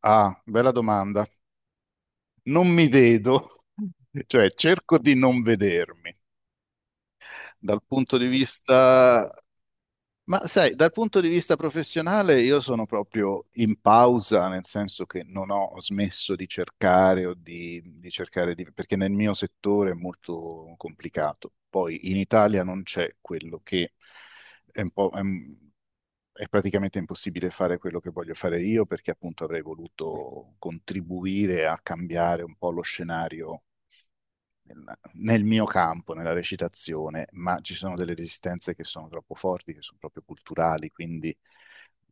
Ah, bella domanda. Non mi vedo, cioè cerco di non vedermi, dal punto di vista ma sai, dal punto di vista professionale io sono proprio in pausa, nel senso che non ho smesso di cercare o di cercare di, perché nel mio settore è molto complicato. Poi in Italia non c'è quello che è un po'... È, un- è praticamente impossibile fare quello che voglio fare io perché appunto avrei voluto contribuire a cambiare un po' lo scenario nel nel mio campo, nella recitazione, ma ci sono delle resistenze che sono troppo forti, che sono proprio culturali, quindi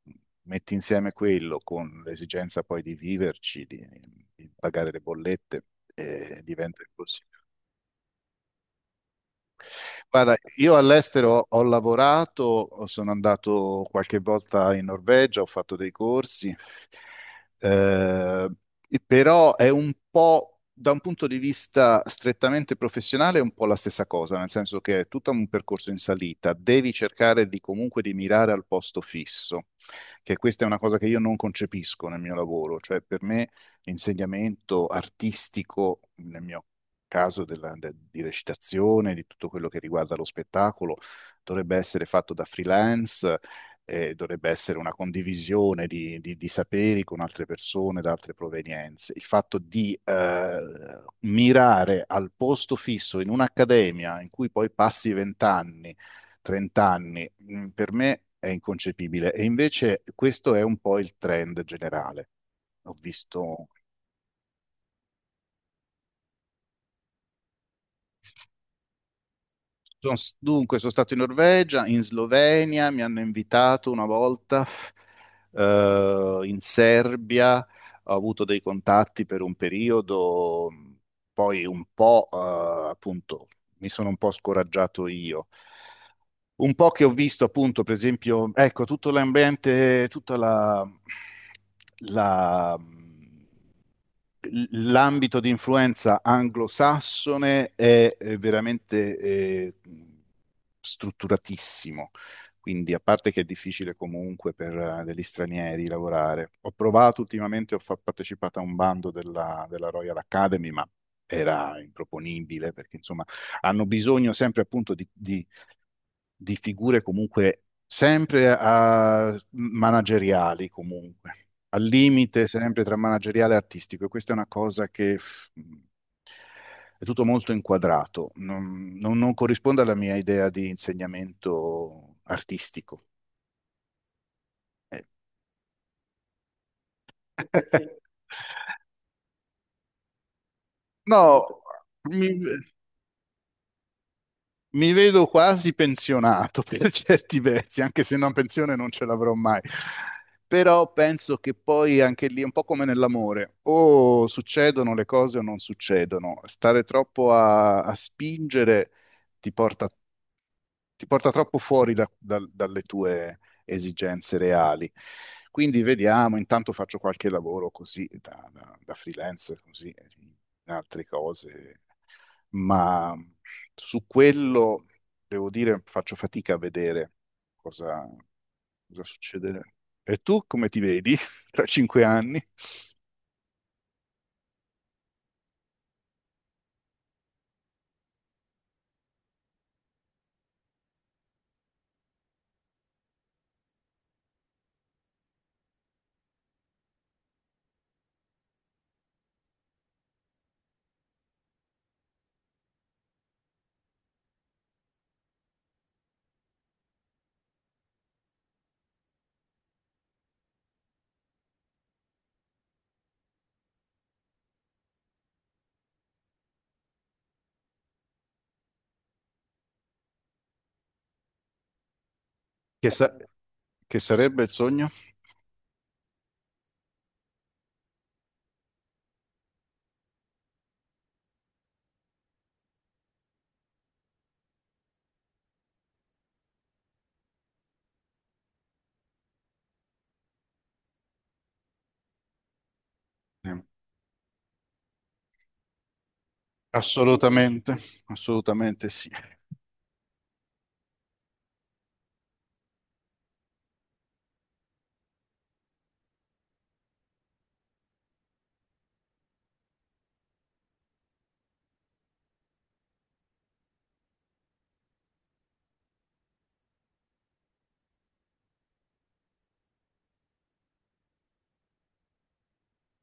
mm, metti insieme quello con l'esigenza poi di viverci, di pagare le bollette, diventa impossibile. Guarda, io all'estero ho lavorato, sono andato qualche volta in Norvegia, ho fatto dei corsi, eh, però è un po', da un punto di vista strettamente professionale, è un po' la stessa cosa, nel senso che è tutto un percorso in salita, devi cercare di comunque di mirare al posto fisso, che questa è una cosa che io non concepisco nel mio lavoro, cioè per me l'insegnamento artistico, nel mio caso di recitazione, di tutto quello che riguarda lo spettacolo, dovrebbe essere fatto da freelance, dovrebbe essere una condivisione di, di saperi con altre persone da altre provenienze. Il fatto di mirare al posto fisso in un'accademia in cui poi passi 20 anni, 30 anni, per me è inconcepibile. E invece questo è un po' il trend generale. Ho visto. Dunque, sono stato in Norvegia, in Slovenia, mi hanno invitato una volta, in Serbia, ho avuto dei contatti per un periodo, poi un po', appunto, mi sono un po' scoraggiato io. Un po' che ho visto, appunto, per esempio, ecco, tutto l'ambiente, tutta la- l'ambito di influenza anglosassone è veramente strutturatissimo, quindi a parte che è difficile comunque per degli stranieri lavorare. Ho provato ultimamente, ho partecipato a un bando della Royal Academy, ma era improponibile perché insomma hanno bisogno sempre appunto di figure comunque sempre manageriali, comunque, al limite sempre tra manageriale e artistico. E questa è una cosa che è tutto molto inquadrato, non corrisponde alla mia idea di insegnamento artistico. Eh, No, mi- Mi vedo quasi pensionato per certi versi, anche se una pensione non ce l'avrò mai. Però penso che poi anche lì è un po' come nell'amore, o succedono le cose o non succedono. Stare troppo a spingere ti porta, ti porta troppo fuori dalle tue esigenze reali. Quindi vediamo, intanto faccio qualche lavoro così da freelance, così, altre cose, ma su quello devo dire faccio fatica a vedere cosa, cosa succederà. E tu come ti vedi tra 5 anni? Che, sa- che sarebbe il sogno? Eh, Assolutamente, assolutamente sì.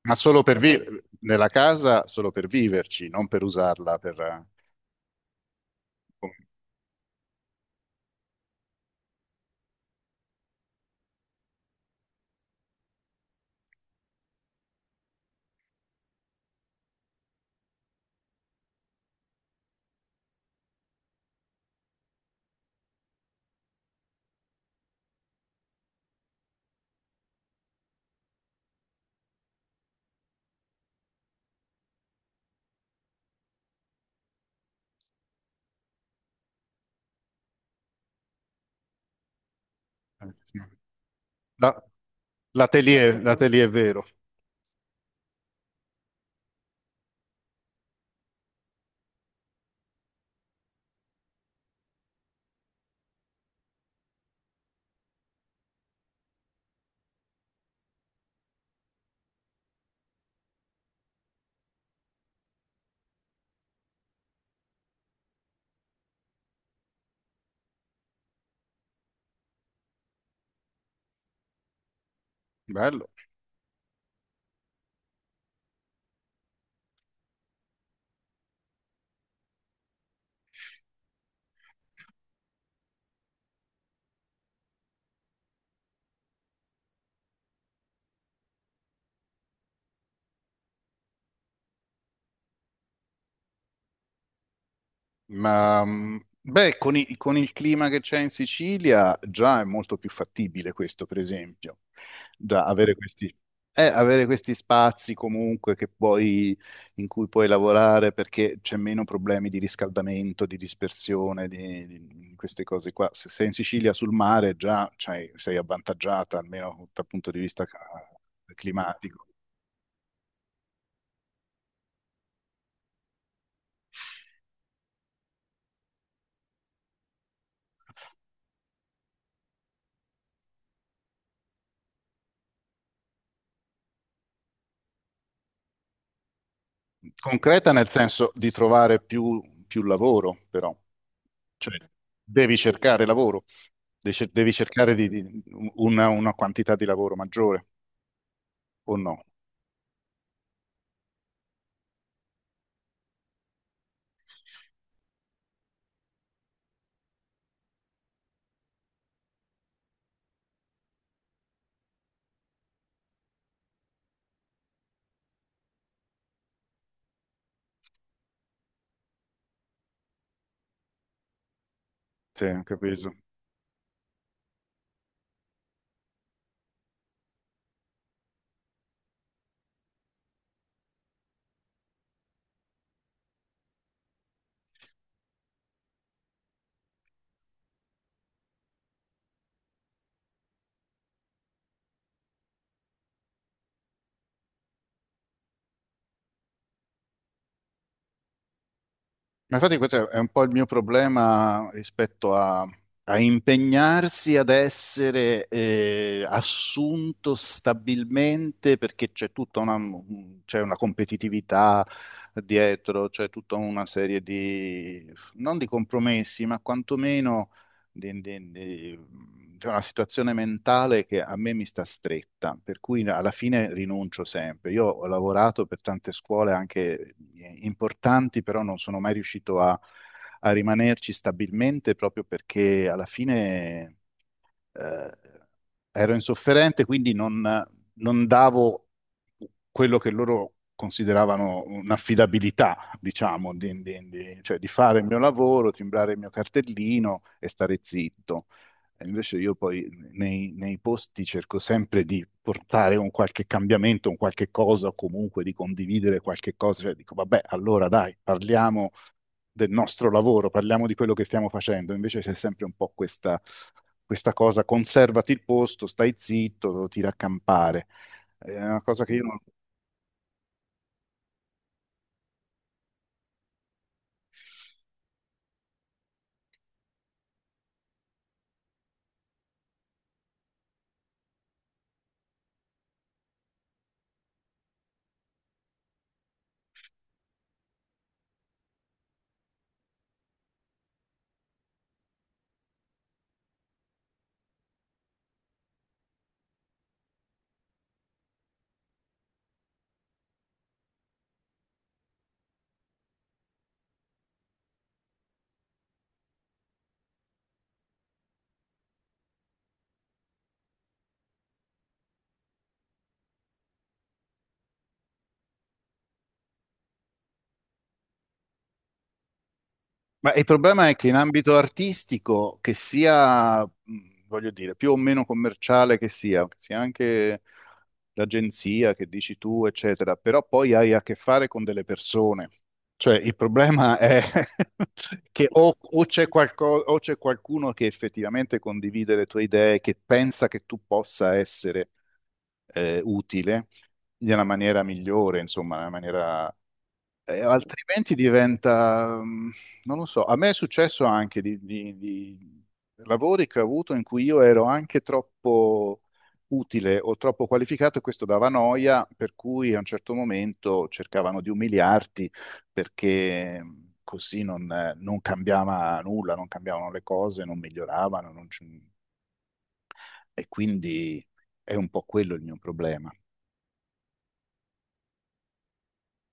Ma solo per vivere nella casa, solo per viverci, non per usarla per com- no. la- l'atelier, l'atelier è vero. Bello. Ma beh, con il clima che c'è in Sicilia già è molto più fattibile questo, per esempio. Già avere questi spazi comunque in cui puoi lavorare perché c'è meno problemi di riscaldamento, di dispersione, di queste cose qua. Se sei in Sicilia sul mare già sei avvantaggiata, almeno dal punto di vista climatico. Concreta nel senso di trovare più lavoro, però. Cioè, devi cercare lavoro, devi cercare una quantità di lavoro maggiore, o no? Sì, ho capito. Ma infatti questo è un po' il mio problema rispetto a impegnarsi ad essere assunto stabilmente perché c'è una competitività dietro, c'è tutta una serie non di compromessi, ma quantomeno di, di- di- di una situazione mentale che a me mi sta stretta, per cui alla fine rinuncio sempre. Io ho lavorato per tante scuole anche importanti, però non sono mai riuscito a rimanerci stabilmente proprio perché alla fine eh, ero insofferente, quindi non davo quello che loro consideravano un'affidabilità, diciamo, cioè di fare il mio lavoro, timbrare il mio cartellino e stare zitto. E invece io poi nei posti cerco sempre di portare un qualche cambiamento, un qualche cosa, o comunque di condividere qualche cosa, cioè dico, vabbè, allora dai, parliamo del nostro lavoro, parliamo di quello che stiamo facendo, invece c'è sempre un po' questa cosa, conservati il posto, stai zitto, tira a campare. È una cosa che io non... Ma il problema è che in ambito artistico, che sia, voglio dire, più o meno commerciale, che sia anche l'agenzia che dici tu, eccetera, però poi hai a che fare con delle persone. Cioè, il problema è che o c'è qualcuno che effettivamente condivide le tue idee, che pensa che tu possa essere utile nella maniera migliore, insomma, nella maniera, altrimenti diventa, non lo so, a me è successo anche di lavori che ho avuto in cui io ero anche troppo utile o troppo qualificato e questo dava noia, per cui a un certo momento cercavano di umiliarti perché così non cambiava nulla, non cambiavano le cose, non miglioravano, non c- e quindi è un po' quello il mio problema.